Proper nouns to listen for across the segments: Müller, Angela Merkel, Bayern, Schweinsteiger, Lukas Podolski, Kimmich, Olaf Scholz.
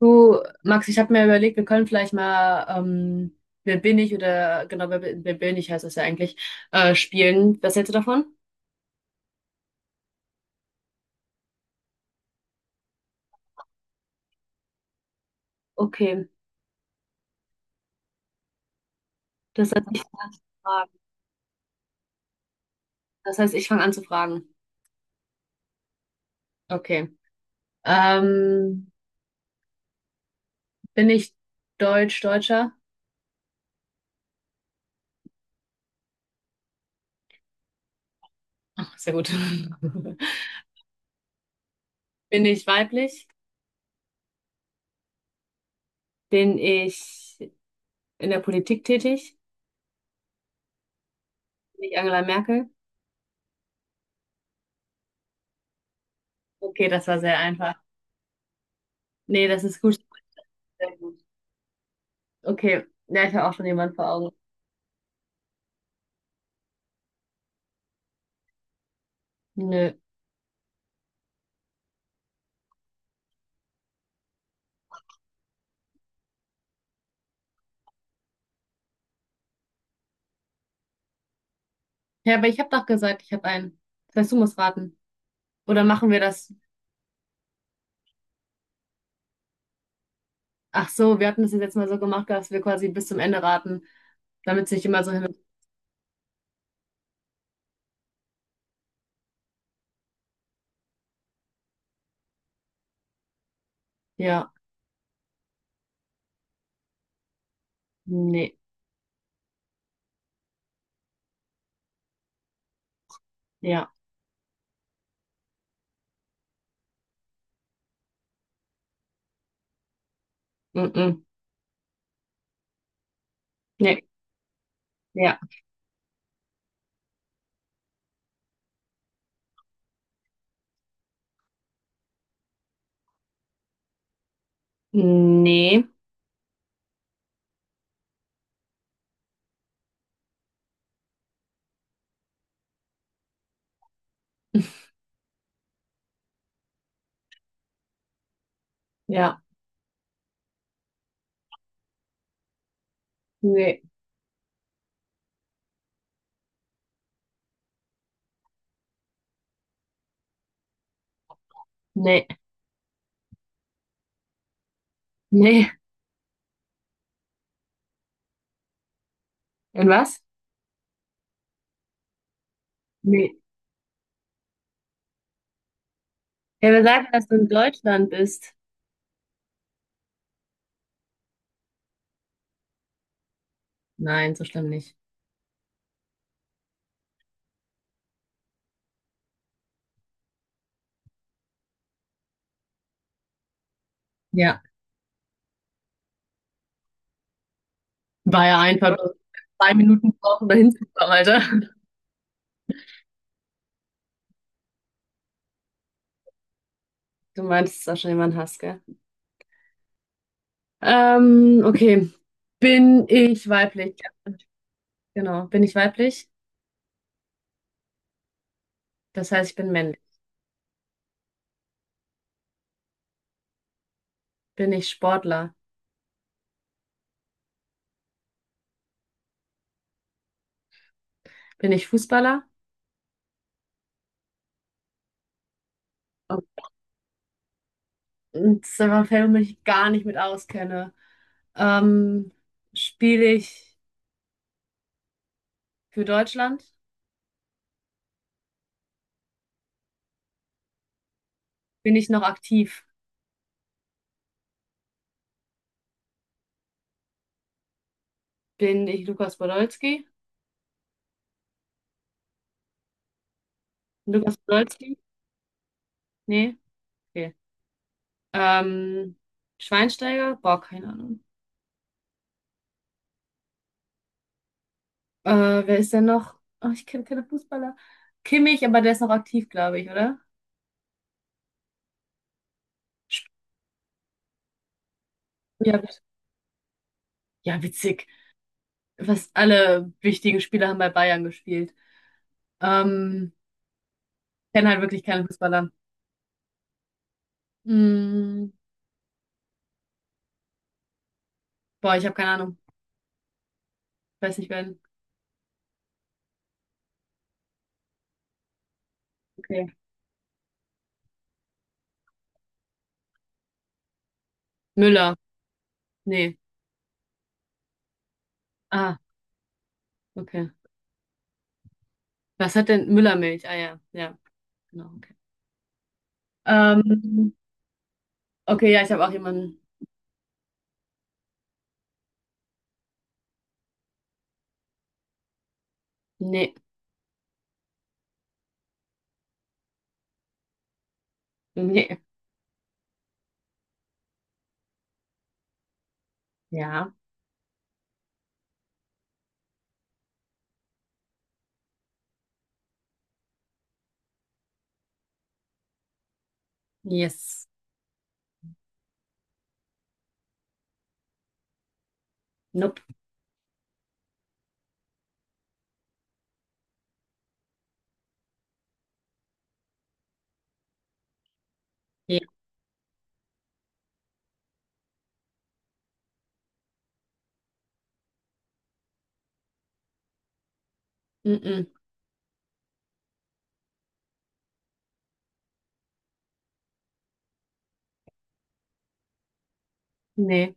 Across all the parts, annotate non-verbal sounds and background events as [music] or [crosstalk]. Du, Max, ich habe mir überlegt, wir können vielleicht mal wer bin ich oder genau, wer bin ich heißt das ja eigentlich, spielen. Was hältst du davon? Okay, das heißt, ich frage. Das heißt, ich fange an zu fragen. Okay. Ähm, bin ich Deutsch, Deutscher? Ach, sehr gut. [laughs] Bin ich weiblich? Bin ich in der Politik tätig? Bin ich Angela Merkel? Okay, das war sehr einfach. Nee, das ist gut. Sehr gut. Okay, ja, ich habe auch schon jemanden vor Augen. Nö. Ja, aber ich habe doch gesagt, ich habe einen. Das heißt, du musst raten. Oder machen wir das? Ach so, wir hatten das jetzt letztes Mal so gemacht, dass wir quasi bis zum Ende raten, damit es nicht immer so hin und... Ja, nee, ja, mm -mm. Nee, ja, nee, ja, nee, nee, nee. Und was? Nee. Ja, wir sagen, dass du in Deutschland bist. Nein, so schlimm nicht. Ja, war ja einfach nur 2 Minuten brauchen, da hinzukommen, Alter. Du meinst, dass du auch schon jemanden hast, gell? Okay. Bin ich weiblich? Genau. Bin ich weiblich? Das heißt, ich bin männlich. Bin ich Sportler? Bin ich Fußballer? Oh, das ist einfach ein Feld, womit ich mich gar nicht mit auskenne. Ähm, spiele ich für Deutschland? Bin ich noch aktiv? Bin ich Lukas Podolski? Lukas Podolski? Nee? Okay. Ähm, Schweinsteiger? Boah, keine Ahnung. Äh, wer ist denn noch? Oh, ich kenne keine Fußballer. Kimmich, aber der ist noch aktiv, glaube ich, oder? Sp- Ja, ja, witzig. Fast alle wichtigen Spieler haben bei Bayern gespielt. Ähm, kenne halt wirklich keine Fußballer. Mm, boah, ich habe keine Ahnung. Weiß nicht, wer. Okay. Müller. Nee. Ah, okay. Was hat denn Müllermilch? Ah ja, ja, genau, okay. Ähm, okay, ja, ich habe auch jemanden. Nee. Nee. Ja. Yes. Nope. Ja. Mm-mm. Nee.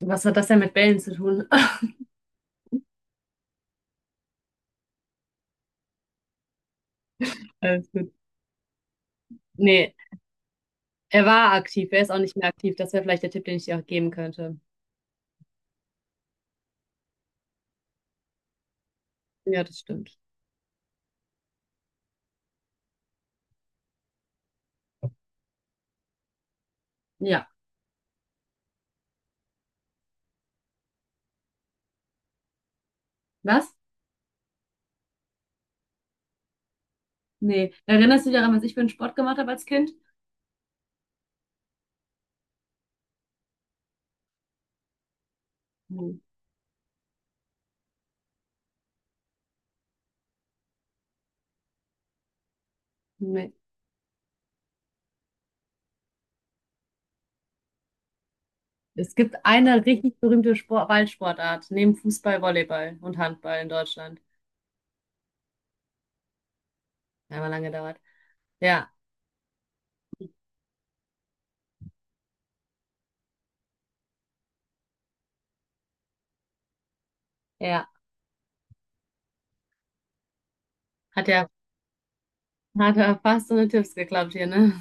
Was hat das denn mit Bällen zu tun? [laughs] Alles gut. Nee. Er war aktiv, er ist auch nicht mehr aktiv. Das wäre vielleicht der Tipp, den ich dir auch geben könnte. Ja, das stimmt. Ja. Was? Nee. Erinnerst du dich daran, was ich für einen Sport gemacht habe als Kind? Hm, nee. Es gibt eine richtig berühmte Sport Ballsportart, neben Fußball, Volleyball und Handball in Deutschland. Einmal lange gedauert. Ja, ja. Hat ja, hat ja fast so eine Tipps geklappt hier, ne?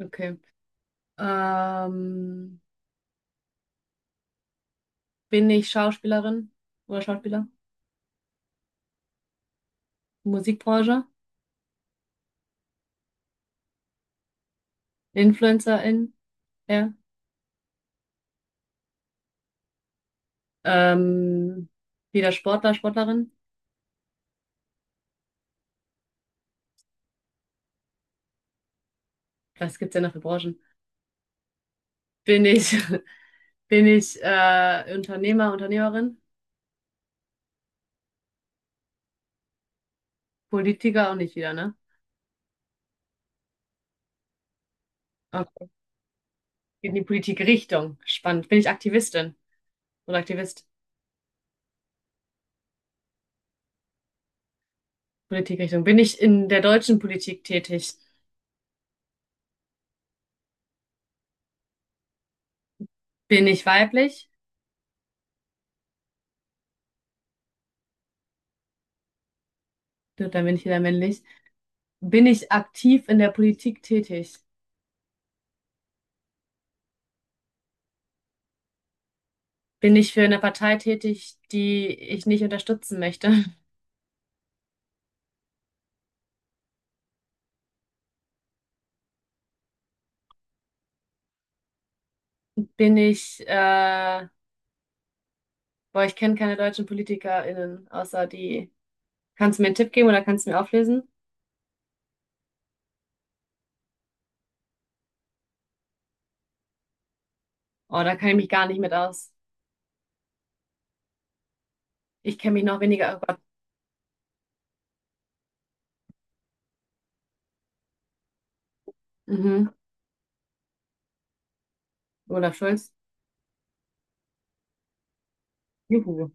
Okay. Ähm, bin ich Schauspielerin oder Schauspieler? Musikbranche? Influencerin? Ja. Ähm, wieder Sportler, Sportlerin? Was gibt's denn noch für Branchen? Bin ich. [laughs] Bin ich Unternehmer, Unternehmerin? Politiker auch nicht wieder, ne? Okay. In die Politikrichtung. Spannend. Bin ich Aktivistin oder Aktivist? Politikrichtung. Bin ich in der deutschen Politik tätig? Bin ich weiblich? Gut, dann bin ich wieder männlich. Bin ich aktiv in der Politik tätig? Bin ich für eine Partei tätig, die ich nicht unterstützen möchte? [laughs] Bin ich, boah, ich kenne keine deutschen PolitikerInnen, außer die. Kannst du mir einen Tipp geben oder kannst du mir auflesen? Oh, da kann ich mich gar nicht mit aus. Ich kenne mich noch weniger. Oh Gott. Mhm. Olaf Scholz. Juhu.